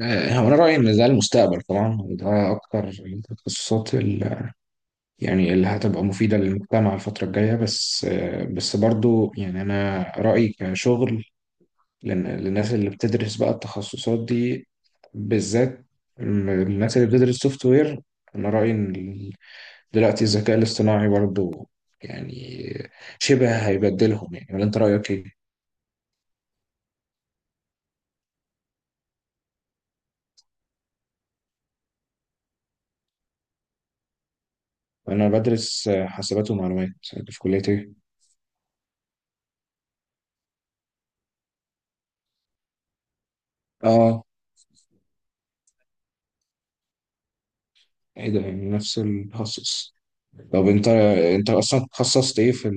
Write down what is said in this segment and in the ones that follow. هو انا رايي ان ده المستقبل طبعا، وده اكتر التخصصات يعني اللي هتبقى مفيده للمجتمع الفتره الجايه. بس بس برضو يعني انا رايي كشغل للناس اللي بتدرس بقى التخصصات دي بالذات، الناس اللي بتدرس سوفت وير. انا رايي ان دلوقتي الذكاء الاصطناعي برضو يعني شبه هيبدلهم، يعني ولا انت رايك ايه؟ انا بدرس حاسبات ومعلومات. في كليه ايه؟ اه، ايه ده يعني نفس التخصص. طب انت اصلا تخصصت ايه في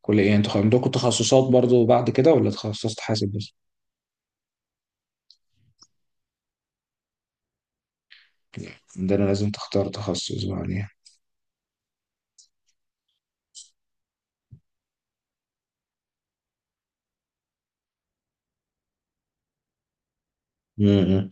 الكليه؟ يعني انتوا عندكم تخصصات برضو بعد كده، ولا تخصصت حاسب بس؟ لا، عندنا لازم تختار تخصص بعد يعني. امم.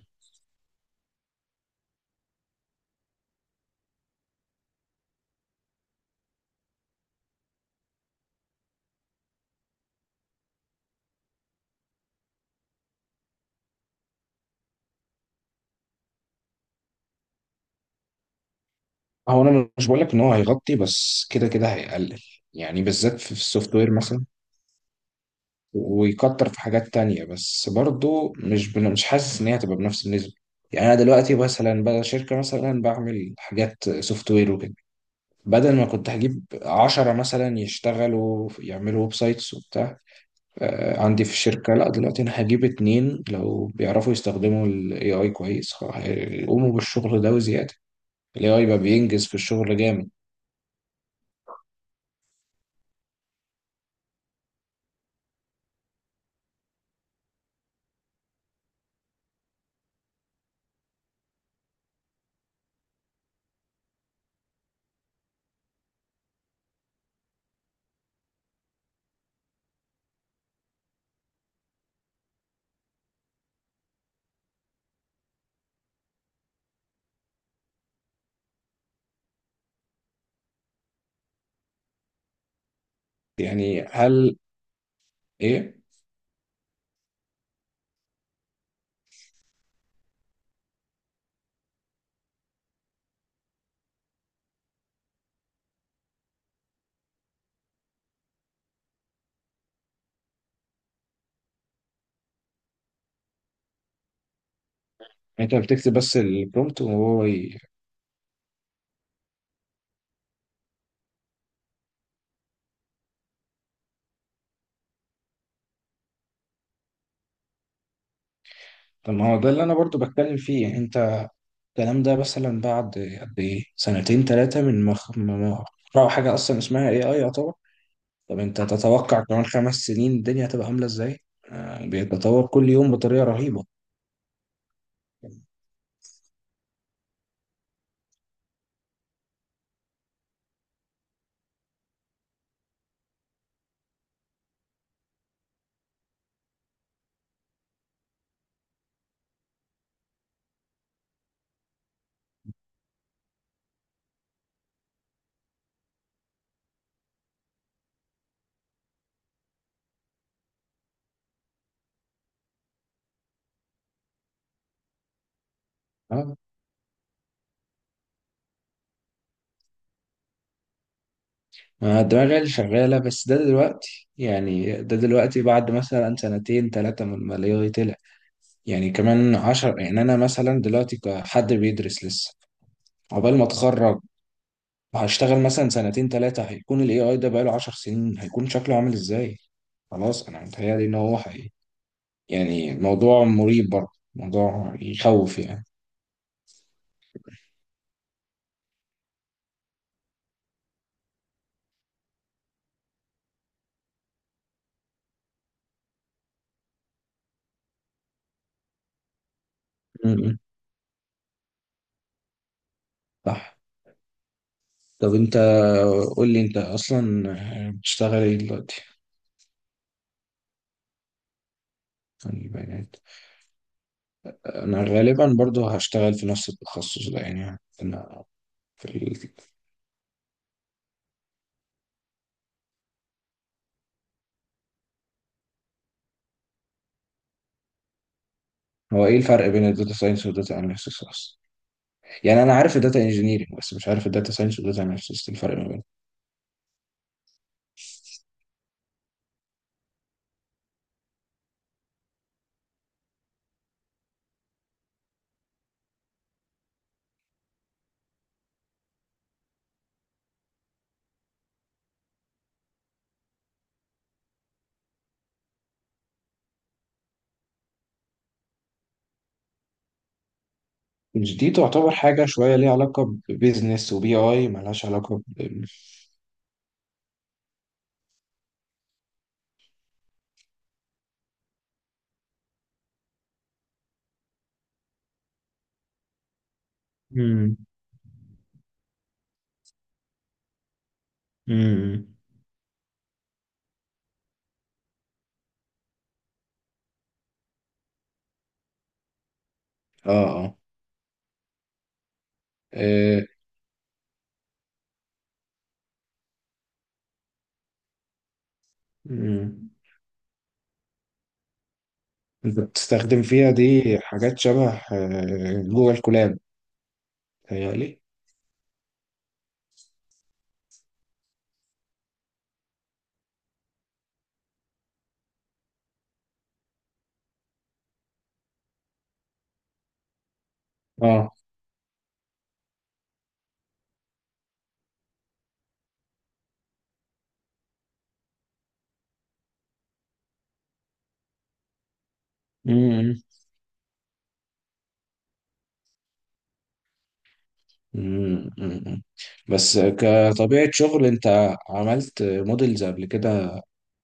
هو انا مش بقول لك ان هو هيغطي، بس كده كده هيقلل، يعني بالذات في السوفت وير مثلا، ويكتر في حاجات تانية. بس برضو مش حاسس ان هي هتبقى بنفس النسبه. يعني انا دلوقتي مثلا بقى شركه، مثلا بعمل حاجات سوفت وير وكده، بدل ما كنت هجيب 10 مثلا يشتغلوا يعملوا ويب سايتس، عندي في الشركة. لا دلوقتي أنا هجيب 2 لو بيعرفوا يستخدموا ال AI كويس، هيقوموا بالشغل ده وزيادة. ال AI بقى بينجز في الشغل جامد. يعني هل إيه؟ أنت بتكتب بس البرومبت وهو. طب ما هو ده اللي أنا برضو بتكلم فيه، يعني أنت الكلام ده مثلا بعد قد إيه؟ سنتين تلاتة من ما خ- ما ما اخترعوا حاجة أصلا اسمها AI يعتبر. طب أنت تتوقع كمان 5 سنين الدنيا هتبقى عاملة إزاي؟ يعني بيتطور كل يوم بطريقة رهيبة. ما الدماغ هي اللي شغالة، بس ده دلوقتي. يعني ده دلوقتي بعد مثلا سنتين تلاتة من الماليه طلع، يعني كمان عشر. يعني أنا مثلا دلوقتي كحد بيدرس لسه، عقبال ما أتخرج وهشتغل مثلا سنتين تلاتة، هيكون ال AI ده بقاله 10 سنين. هيكون شكله عامل إزاي؟ خلاص أنا متهيألي إن هو حقيقي، يعني موضوع مريب برضه، موضوع يخوف يعني. م. صح. طب أنت قول لي، أنت أصلا بتشتغل إيه دلوقتي؟ يعني بنات. انا غالبا برضو هشتغل في نفس التخصص ده يعني انا في ال... هو ايه الفرق بين الداتا ساينس والداتا اناليسيس اصلا؟ يعني انا عارف الداتا انجينيرنج، بس مش عارف الداتا ساينس والداتا اناليسيس الفرق ما بينهم. مش دي تعتبر حاجه شويه ليها علاقه ببيزنس وبي اي، مالهاش علاقه. مم. مم. اه، اه، آه، مم. انت بتستخدم فيها دي حاجات شبه جوجل كولاب؟ تهيألي اه. مم، مم، مم. بس كطبيعة شغل، انت عملت موديلز قبل كده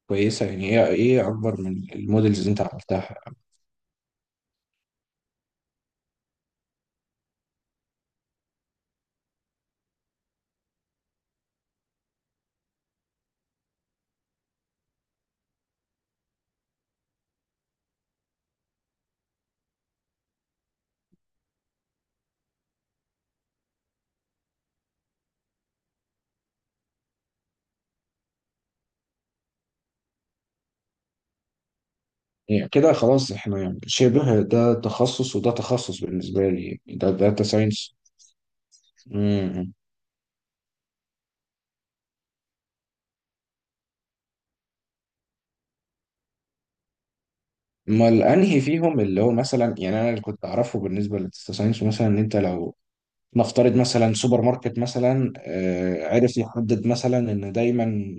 كويسة؟ يعني ايه ايه اكبر من الموديلز اللي انت عملتها؟ يعني كده خلاص احنا يعني شبه، ده تخصص وده تخصص بالنسبة لي، يعني ده داتا ساينس. امال انهي فيهم اللي هو مثلا، يعني انا اللي كنت اعرفه بالنسبة للداتا ساينس مثلا، ان انت لو نفترض مثلا سوبر ماركت مثلا، عرف يحدد مثلا ان دايما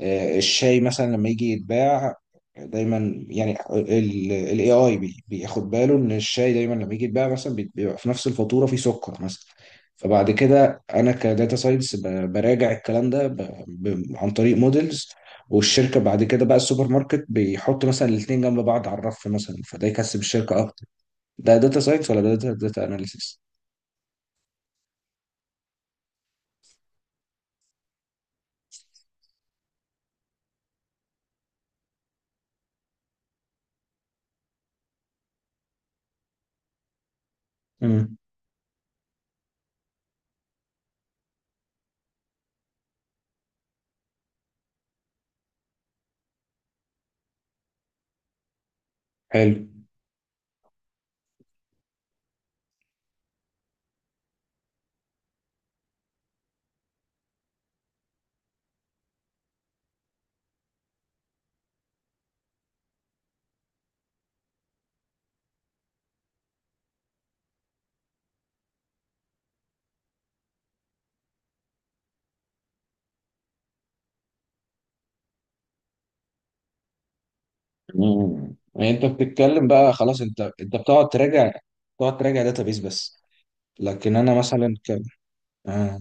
الشاي مثلا لما يجي يتباع، دايما يعني الاي اي بياخد باله ان الشاي دايما لما يجي يتباع مثلا بيبقى في نفس الفاتوره في سكر مثلا. فبعد كده انا كداتا ساينس براجع الكلام ده عن طريق موديلز، والشركه بعد كده بقى السوبر ماركت بيحط مثلا الاثنين جنب بعض على الرف مثلا، فده يكسب الشركه اكتر. ده داتا ساينس ولا ده داتا اناليسيس؟ امم. حلو. مم. يعني انت بتتكلم، بقى خلاص انت بتقعد تراجع. بتقعد تراجع داتابيس بس؟ لكن انا مثلا. آه.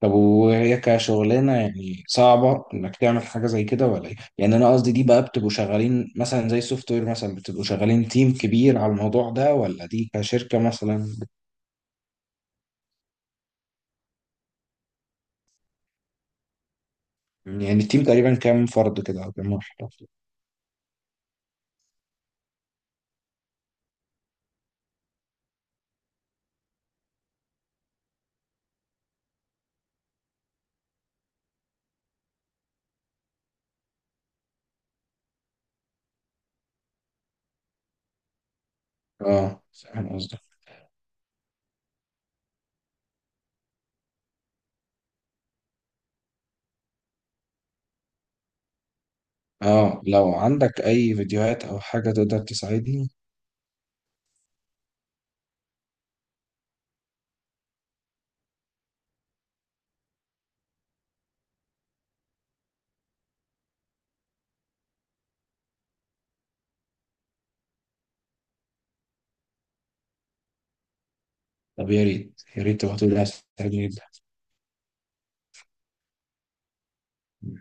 طب وهي كشغلانه يعني صعبه انك تعمل حاجه زي كده ولا ايه؟ يعني انا قصدي دي بقى، بتبقوا شغالين مثلا زي السوفت وير مثلا، بتبقوا شغالين تيم كبير على الموضوع ده، ولا دي كشركه مثلا. يعني التيم تقريبا كام فرد كده او كام واحد؟ اه فاهم قصدك. اه لو عندك اي فيديوهات او حاجه تقدر تساعدني. طب يا ريت، يا ريت تبعتولي، تساعدني جدا.